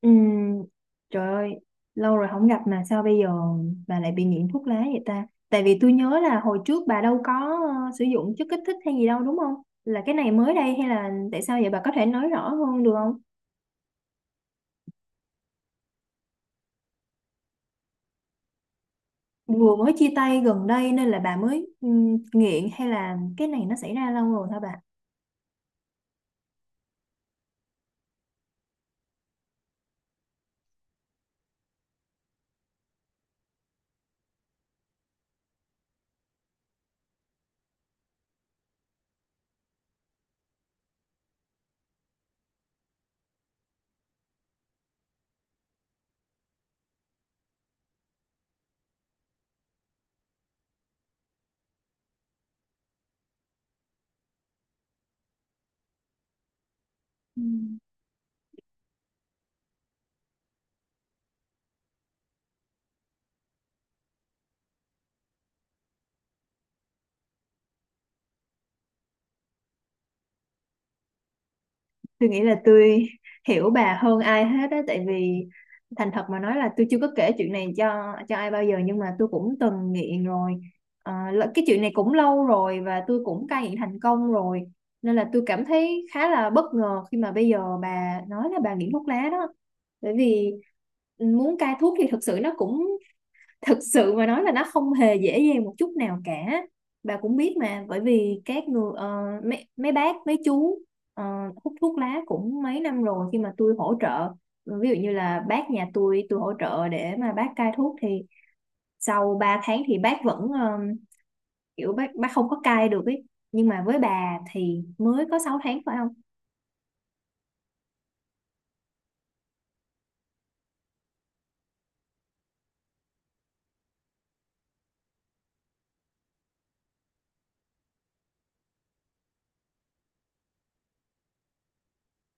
Ừm, Trời ơi, lâu rồi không gặp mà sao bây giờ bà lại bị nghiện thuốc lá vậy ta? Tại vì tôi nhớ là hồi trước bà đâu có sử dụng chất kích thích hay gì đâu đúng không? Là cái này mới đây hay là tại sao vậy bà có thể nói rõ hơn được không? Vừa mới chia tay gần đây nên là bà mới nghiện hay là cái này nó xảy ra lâu rồi hả bà? Ừ. Tôi nghĩ là tôi hiểu bà hơn ai hết á, tại vì thành thật mà nói là tôi chưa có kể chuyện này cho ai bao giờ, nhưng mà tôi cũng từng nghiện rồi. Cái chuyện này cũng lâu rồi và tôi cũng cai nghiện thành công rồi, nên là tôi cảm thấy khá là bất ngờ khi mà bây giờ bà nói là bà nghiện thuốc lá đó. Bởi vì muốn cai thuốc thì thực sự nó cũng thực sự mà nói là nó không hề dễ dàng một chút nào cả. Bà cũng biết mà, bởi vì các người mấy mấy bác mấy chú ờ, hút thuốc lá cũng mấy năm rồi. Khi mà tôi hỗ trợ, ví dụ như là bác nhà tôi hỗ trợ để mà bác cai thuốc, thì sau 3 tháng thì bác vẫn kiểu bác không có cai được ấy. Nhưng mà với bà thì mới có 6 tháng phải không?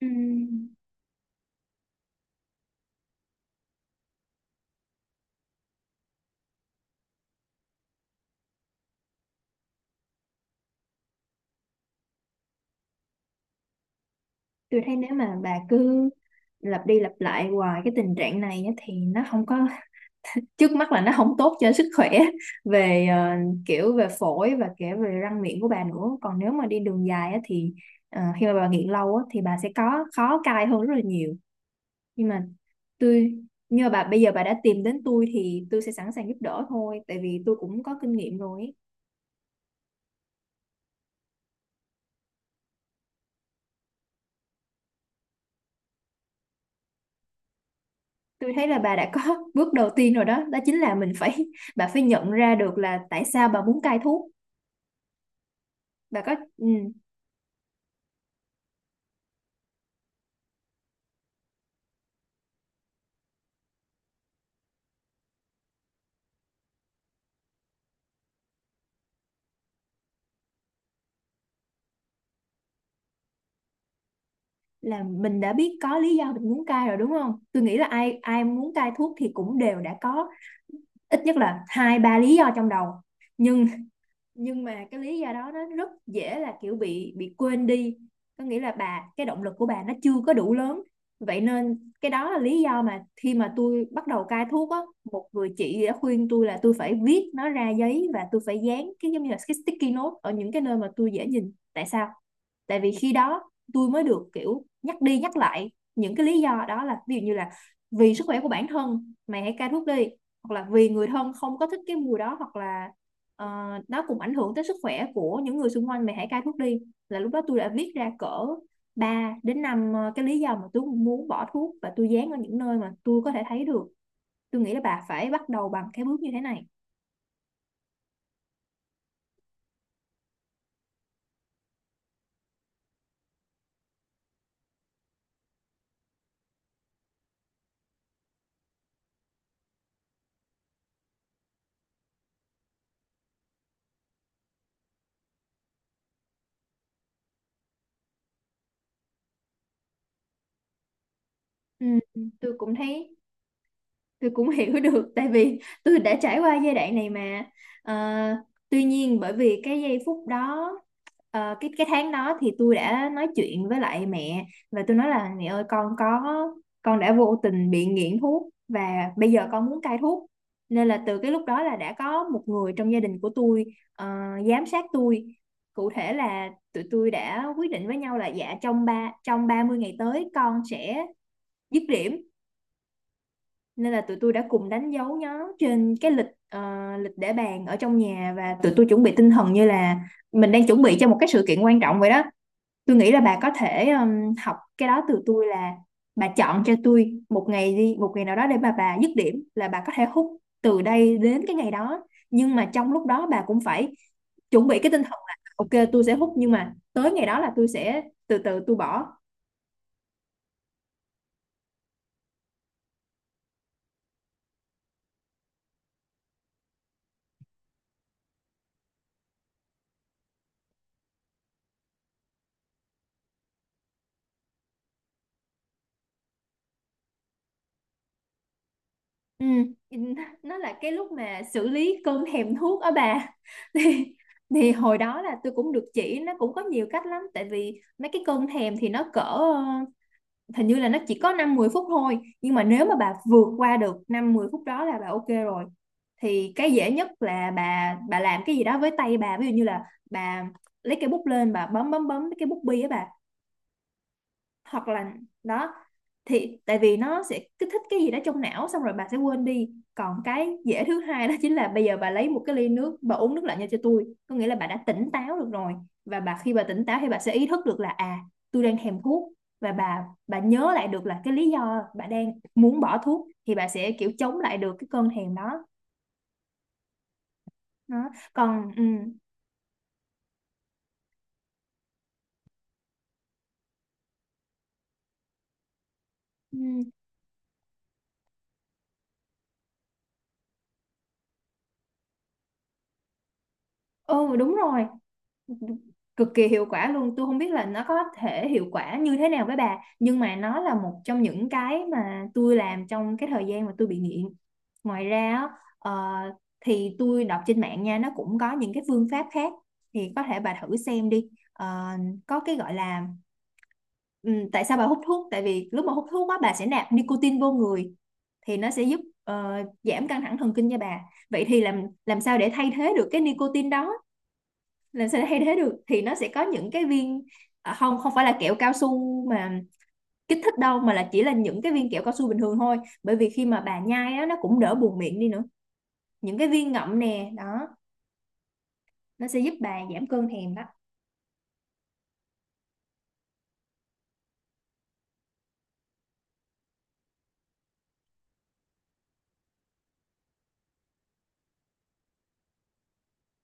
Ừm, tôi thấy nếu mà bà cứ lặp đi lặp lại hoài cái tình trạng này á, thì nó không có, trước mắt là nó không tốt cho sức khỏe về kiểu về phổi và kể về răng miệng của bà nữa. Còn nếu mà đi đường dài á, thì khi mà bà nghiện lâu á, thì bà sẽ có khó cai hơn rất là nhiều. Nhưng mà tôi như bà bây giờ bà đã tìm đến tôi thì tôi sẽ sẵn sàng giúp đỡ thôi, tại vì tôi cũng có kinh nghiệm rồi ấy. Tôi thấy là bà đã có bước đầu tiên rồi, đó đó chính là mình phải, bà phải nhận ra được là tại sao bà muốn cai thuốc. Bà có là mình đã biết có lý do mình muốn cai rồi đúng không? Tôi nghĩ là ai ai muốn cai thuốc thì cũng đều đã có ít nhất là hai ba lý do trong đầu. Nhưng nhưng mà cái lý do đó nó rất dễ là kiểu bị quên đi, có nghĩa là cái động lực của bà nó chưa có đủ lớn. Vậy nên cái đó là lý do mà khi mà tôi bắt đầu cai thuốc á, một người chị đã khuyên tôi là tôi phải viết nó ra giấy, và tôi phải dán cái giống như là cái sticky note ở những cái nơi mà tôi dễ nhìn. Tại sao? Tại vì khi đó tôi mới được kiểu nhắc đi nhắc lại những cái lý do đó. Là ví dụ như là vì sức khỏe của bản thân mày hãy cai thuốc đi, hoặc là vì người thân không có thích cái mùi đó, hoặc là Ờ, nó cũng ảnh hưởng tới sức khỏe của những người xung quanh mày hãy cai thuốc đi. Là lúc đó tôi đã viết ra cỡ 3 đến 5 cái lý do mà tôi muốn bỏ thuốc, và tôi dán ở những nơi mà tôi có thể thấy được. Tôi nghĩ là bà phải bắt đầu bằng cái bước như thế này. ừ, tôi cũng thấy, tôi cũng hiểu được, tại vì tôi đã trải qua giai đoạn này mà. Ờ, Tuy nhiên bởi vì cái giây phút đó, cái tháng đó thì tôi đã nói chuyện với lại mẹ, và tôi nói là mẹ ơi con có, con đã vô tình bị nghiện thuốc và bây giờ con muốn cai thuốc. Nên là từ cái lúc đó là đã có một người trong gia đình của tôi ờ, giám sát tôi. Cụ thể là tụi tôi đã quyết định với nhau là dạ trong trong 30 ngày tới con sẽ dứt điểm. Nên là tụi tôi đã cùng đánh dấu nó trên cái lịch, lịch để bàn ở trong nhà, và tụi tôi chuẩn bị tinh thần như là mình đang chuẩn bị cho một cái sự kiện quan trọng vậy đó. Tôi nghĩ là bà có thể học cái đó từ tôi, là bà chọn cho tôi một ngày đi, một ngày nào đó để bà dứt điểm, là bà có thể hút từ đây đến cái ngày đó. Nhưng mà trong lúc đó bà cũng phải chuẩn bị cái tinh thần là ok tôi sẽ hút nhưng mà tới ngày đó là tôi sẽ từ từ tôi bỏ. Ừ, nó là cái lúc mà xử lý cơn thèm thuốc ở bà. Thì hồi đó là tôi cũng được chỉ, nó cũng có nhiều cách lắm. Tại vì mấy cái cơn thèm thì nó cỡ hình như là nó chỉ có 5 10 phút thôi, nhưng mà nếu mà bà vượt qua được 5 10 phút đó là bà ok rồi. Thì cái dễ nhất là bà làm cái gì đó với tay bà, ví dụ như là bà lấy cái bút lên bà bấm bấm bấm cái bút bi á bà, hoặc là đó. Thì tại vì nó sẽ kích thích cái gì đó trong não xong rồi bà sẽ quên đi. Còn cái dễ thứ hai đó chính là bây giờ bà lấy một cái ly nước bà uống nước lạnh nha cho tôi, có nghĩa là bà đã tỉnh táo được rồi. Và khi bà tỉnh táo thì bà sẽ ý thức được là à tôi đang thèm thuốc, và bà nhớ lại được là cái lý do bà đang muốn bỏ thuốc thì bà sẽ kiểu chống lại được cái cơn thèm đó. Đó còn ừ, ừ đúng rồi, cực kỳ hiệu quả luôn. Tôi không biết là nó có thể hiệu quả như thế nào với bà, nhưng mà nó là một trong những cái mà tôi làm trong cái thời gian mà tôi bị nghiện. Ngoài ra á, ờ, thì tôi đọc trên mạng nha, nó cũng có những cái phương pháp khác thì có thể bà thử xem đi. Ờ, có cái gọi là tại sao bà hút thuốc? Tại vì lúc mà hút thuốc á bà sẽ nạp nicotine vô người thì nó sẽ giúp giảm căng thẳng thần kinh cho bà. Vậy thì làm sao để thay thế được cái nicotine đó, làm sao để thay thế được thì nó sẽ có những cái viên, à, không không phải là kẹo cao su mà kích thích đâu, mà là chỉ là những cái viên kẹo cao su bình thường thôi. Bởi vì khi mà bà nhai á nó cũng đỡ buồn miệng đi nữa, những cái viên ngậm nè đó, nó sẽ giúp bà giảm cơn thèm đó.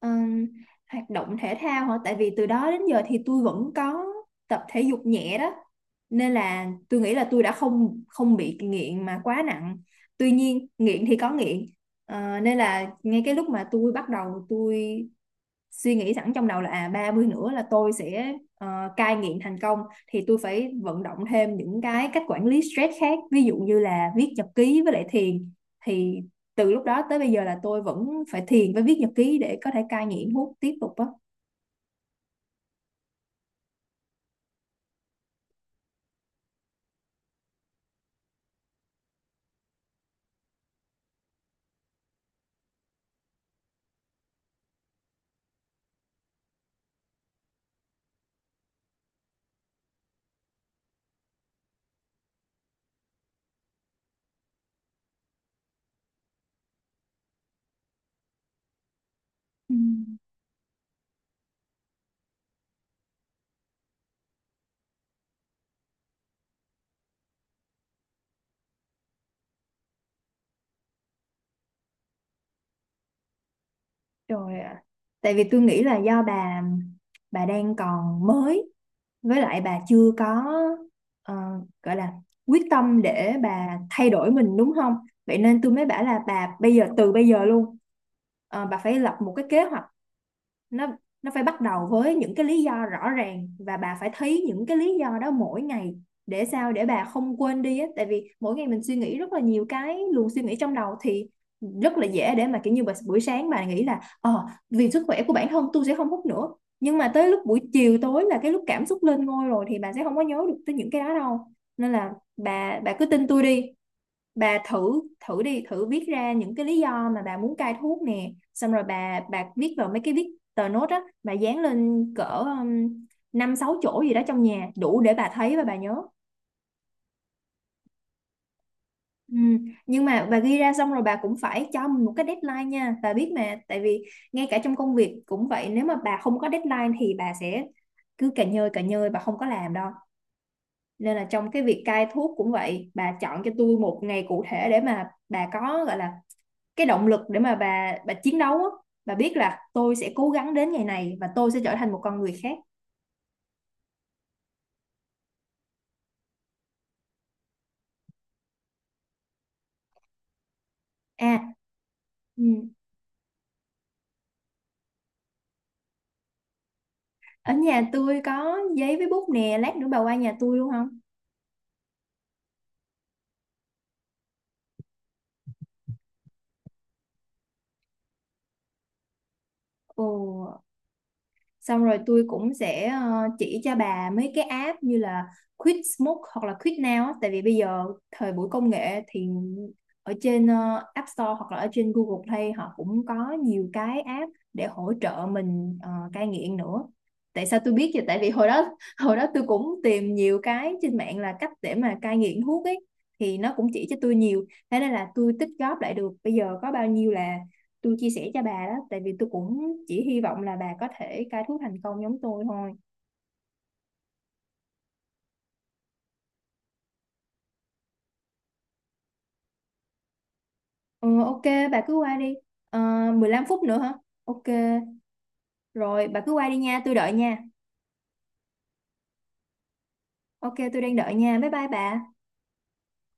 Ừm, Hoạt động thể thao hả? Tại vì từ đó đến giờ thì tôi vẫn có tập thể dục nhẹ đó, nên là tôi nghĩ là tôi đã không không bị nghiện mà quá nặng. Tuy nhiên nghiện thì có nghiện. Nên là ngay cái lúc mà tôi bắt đầu suy nghĩ sẵn trong đầu là à 30 nữa là tôi sẽ cai nghiện thành công, thì tôi phải vận động thêm những cái cách quản lý stress khác, ví dụ như là viết nhật ký với lại thiền. Thì từ lúc đó tới bây giờ là tôi vẫn phải thiền với viết nhật ký để có thể cai nghiện hút tiếp tục á. Ừ, rồi ạ. Tại vì tôi nghĩ là do bà đang còn mới, với lại bà chưa có ờ, gọi là quyết tâm để bà thay đổi mình đúng không? Vậy nên tôi mới bảo là bà bây giờ từ bây giờ luôn bà phải lập một cái kế hoạch. nó nó phải bắt đầu với những cái lý do rõ ràng và bà phải thấy những cái lý do đó mỗi ngày, để sao để bà không quên đi á. Tại vì mỗi ngày mình suy nghĩ rất là nhiều cái luồng suy nghĩ trong đầu thì rất là dễ để mà kiểu như bà, buổi sáng bà nghĩ là ờ vì sức khỏe của bản thân tôi sẽ không hút nữa, nhưng mà tới lúc buổi chiều tối là cái lúc cảm xúc lên ngôi rồi thì bà sẽ không có nhớ được tới những cái đó đâu. Nên là bà cứ tin tôi đi. Bà thử, thử đi, thử viết ra những cái lý do mà bà muốn cai thuốc nè, xong rồi bà viết vào mấy cái viết, tờ nốt á bà dán lên cỡ năm sáu chỗ gì đó trong nhà đủ để bà thấy và bà nhớ. Ừ. Nhưng mà bà ghi ra xong rồi bà cũng phải cho mình một cái deadline nha bà biết mà. Tại vì ngay cả trong công việc cũng vậy, nếu mà bà không có deadline thì bà sẽ cứ cà nhơi bà không có làm đâu. Nên là trong cái việc cai thuốc cũng vậy, bà chọn cho tôi một ngày cụ thể để mà bà có gọi là cái động lực để mà bà chiến đấu á. Bà biết là tôi sẽ cố gắng đến ngày này và tôi sẽ trở thành một con người khác. À, ừ. Ở nhà tôi có giấy với bút nè, lát nữa bà qua nhà tôi luôn không? Ồ, xong rồi tôi cũng sẽ chỉ cho bà mấy cái app như là Quit Smoke hoặc là Quit Now á. Tại vì bây giờ thời buổi công nghệ thì ở trên App Store hoặc là ở trên Google Play họ cũng có nhiều cái app để hỗ trợ mình cai nghiện nữa. Tại sao tôi biết vậy? Tại vì hồi đó hồi đó tôi cũng tìm nhiều cái trên mạng là cách để mà cai nghiện thuốc ấy, thì nó cũng chỉ cho tôi nhiều, thế nên là tôi tích góp lại được bây giờ có bao nhiêu là tôi chia sẻ cho bà đó. Tại vì tôi cũng chỉ hy vọng là bà có thể cai thuốc thành công giống tôi thôi. Ừ, ok, bà cứ qua đi. Ờ, 15 phút nữa hả? Ok. Rồi bà cứ qua đi nha tôi đợi nha. Ok tôi đang đợi nha, bye bye bà.